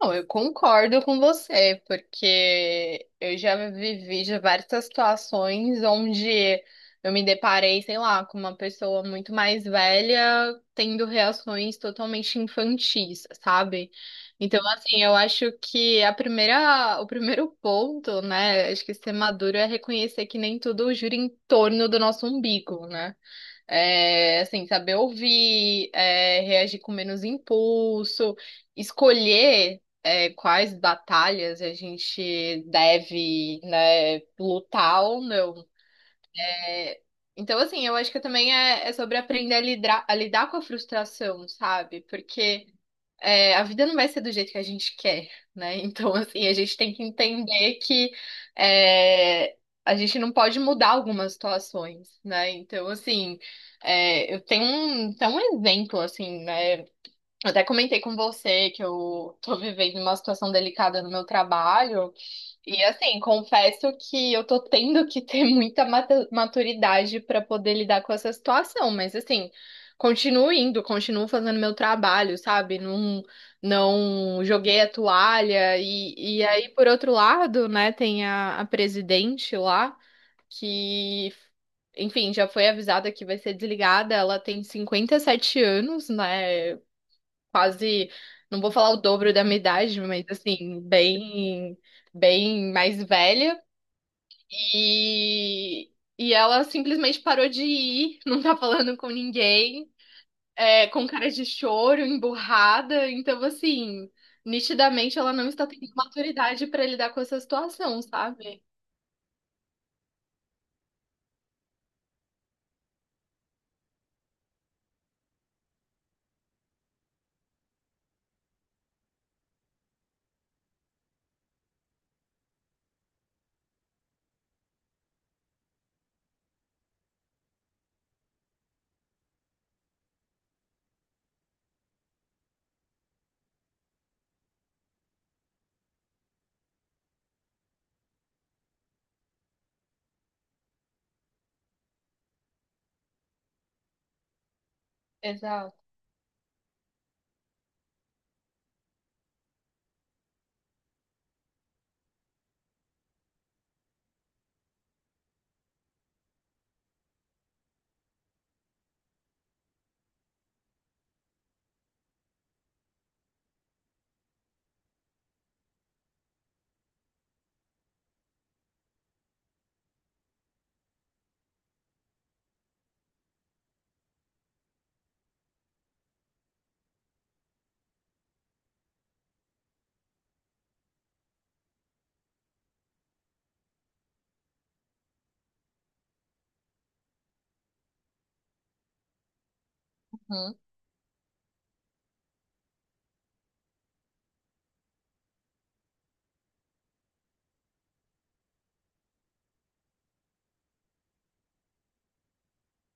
Não, eu concordo com você, porque eu já vivi diversas situações onde eu me deparei, sei lá, com uma pessoa muito mais velha tendo reações totalmente infantis, sabe? Então, assim, eu acho que o primeiro ponto, né, acho que ser maduro é reconhecer que nem tudo gira em torno do nosso umbigo, né? É, assim, saber ouvir, reagir com menos impulso, escolher, quais batalhas a gente deve, né, lutar ou não. É, então, assim, eu acho que também é sobre aprender a lidar com a frustração, sabe? Porque a vida não vai ser do jeito que a gente quer, né? Então, assim, a gente tem que entender que é, a gente não pode mudar algumas situações, né? Então, assim, eu tenho um exemplo, assim, né? Eu até comentei com você que eu tô vivendo uma situação delicada no meu trabalho. E assim, confesso que eu tô tendo que ter muita maturidade para poder lidar com essa situação, mas assim, continuo indo, continuo fazendo meu trabalho, sabe? Não, não joguei a toalha. E aí, por outro lado, né, tem a presidente lá que enfim, já foi avisada que vai ser desligada. Ela tem 57 anos, né? Quase, não vou falar o dobro da minha idade, mas assim, bem, bem mais velha. E, e ela simplesmente parou de ir, não tá falando com ninguém, com cara de choro, emburrada. Então, assim, nitidamente ela não está tendo maturidade para lidar com essa situação, sabe? Exato.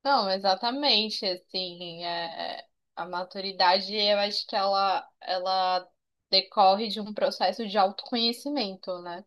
Não, exatamente, assim, a maturidade, eu acho que ela decorre de um processo de autoconhecimento, né?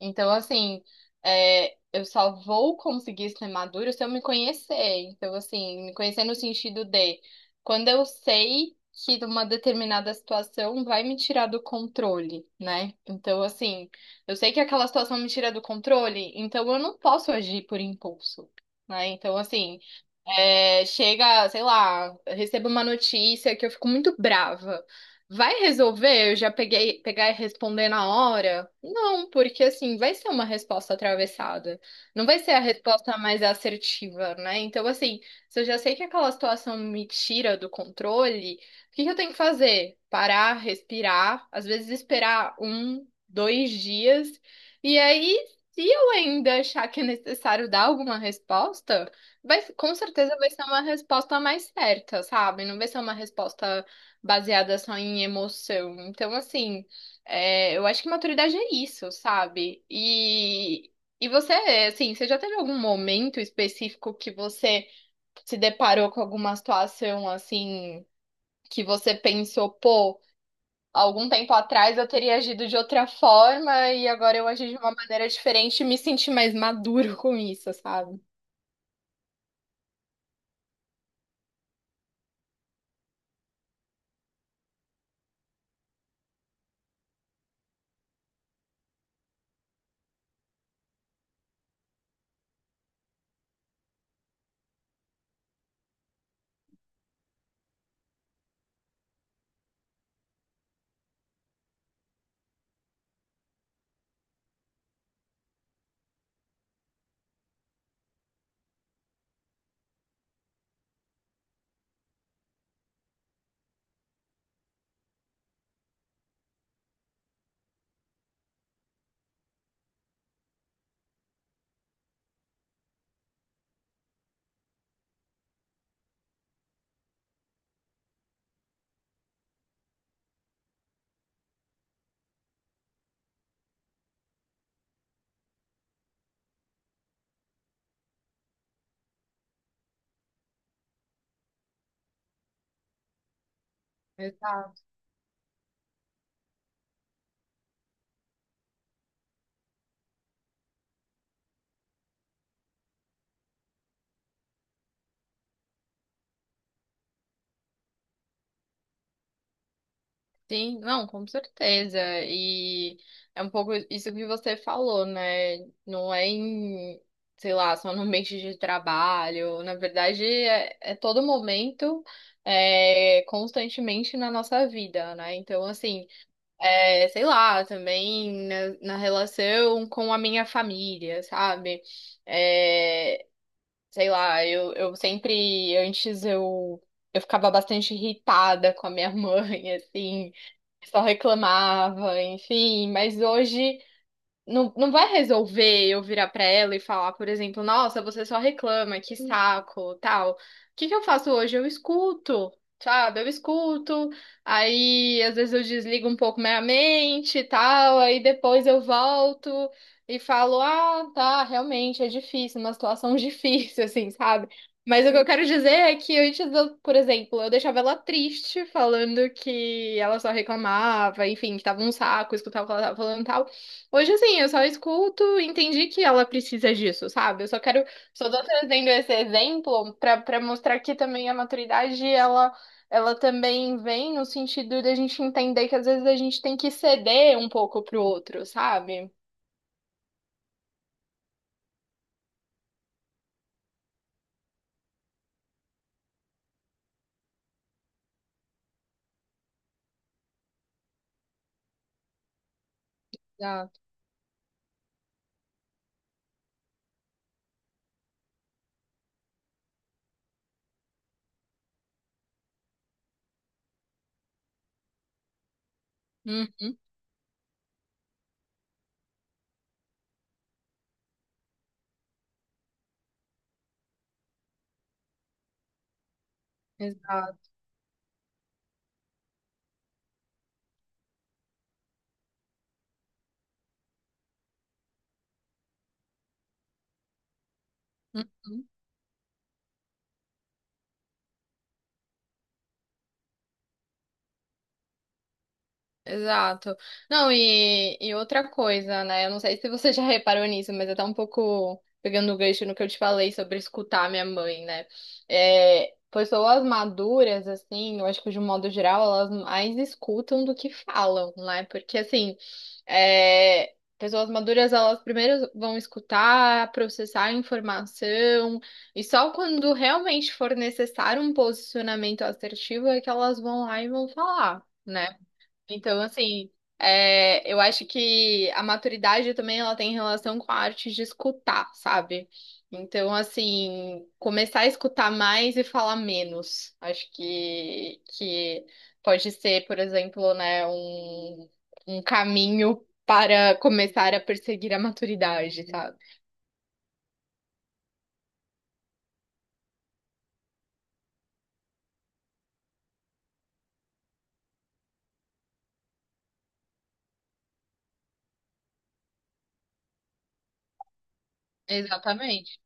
Então, assim, eu só vou conseguir ser madura se eu me conhecer. Então, assim, me conhecer no sentido de quando eu sei que uma determinada situação vai me tirar do controle, né? Então, assim, eu sei que aquela situação me tira do controle, então eu não posso agir por impulso. Né? Então, assim, chega, sei lá, eu recebo uma notícia que eu fico muito brava. Vai resolver? Pegar e responder na hora? Não, porque assim, vai ser uma resposta atravessada. Não vai ser a resposta mais assertiva, né? Então, assim, se eu já sei que aquela situação me tira do controle, o que que eu tenho que fazer? Parar, respirar, às vezes esperar um, dois dias, e aí, se eu ainda achar que é necessário dar alguma resposta. Vai, com certeza vai ser uma resposta mais certa, sabe? Não vai ser uma resposta baseada só em emoção. Então, assim, eu acho que maturidade é isso, sabe? E você, assim, você já teve algum momento específico que você se deparou com alguma situação, assim, que você pensou, pô, algum tempo atrás eu teria agido de outra forma e agora eu agi de uma maneira diferente e me senti mais maduro com isso, sabe? Exato. Sim, não, com certeza. E é um pouco isso que você falou, né? Não é em, sei lá, só no ambiente de trabalho. Na verdade, é todo momento, constantemente na nossa vida, né? Então, assim, sei lá, também na relação com a minha família, sabe? É, sei lá, eu sempre, antes eu. Eu ficava bastante irritada com a minha mãe, assim, só reclamava, enfim, mas hoje. Não, não vai resolver eu virar pra ela e falar, por exemplo, nossa, você só reclama, que saco, tal. O que que eu faço hoje? Eu escuto, sabe? Eu escuto, aí às vezes eu desligo um pouco minha mente e tal, aí depois eu volto e falo, ah, tá, realmente é difícil, uma situação difícil, assim, sabe? Mas o que eu quero dizer é que antes, eu, por exemplo, eu deixava ela triste, falando que ela só reclamava, enfim, que tava um saco, escutava o que ela tava falando e tal. Hoje, assim, eu só escuto e entendi que ela precisa disso, sabe? Eu só quero, só tô trazendo esse exemplo pra para mostrar que também a maturidade, ela também vem no sentido da gente entender que às vezes a gente tem que ceder um pouco pro outro, sabe? Exato. Uhum, exato. Uhum. Exato. Não, e outra coisa, né? Eu não sei se você já reparou nisso, mas eu tô um pouco pegando o gancho no que eu te falei sobre escutar minha mãe, né? É, pessoas maduras, assim, eu acho que de um modo geral, elas mais escutam do que falam, né? Porque, assim, pessoas maduras, elas primeiro vão escutar, processar a informação, e só quando realmente for necessário um posicionamento assertivo é que elas vão lá e vão falar, né? Então, assim, eu acho que a maturidade também ela tem relação com a arte de escutar, sabe? Então, assim, começar a escutar mais e falar menos. Acho que pode ser, por exemplo, né, um caminho para começar a perseguir a maturidade, sabe? Exatamente.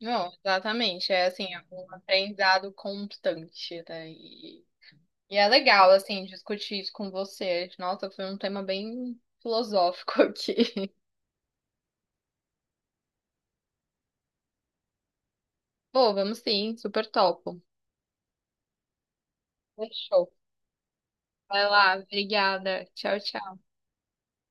Não, exatamente. É assim, é um aprendizado constante, né? E é legal, assim, discutir isso com você. Nossa, foi um tema bem filosófico aqui. Pô, vamos sim, super topo. Fechou. Vai lá, obrigada. Tchau, tchau.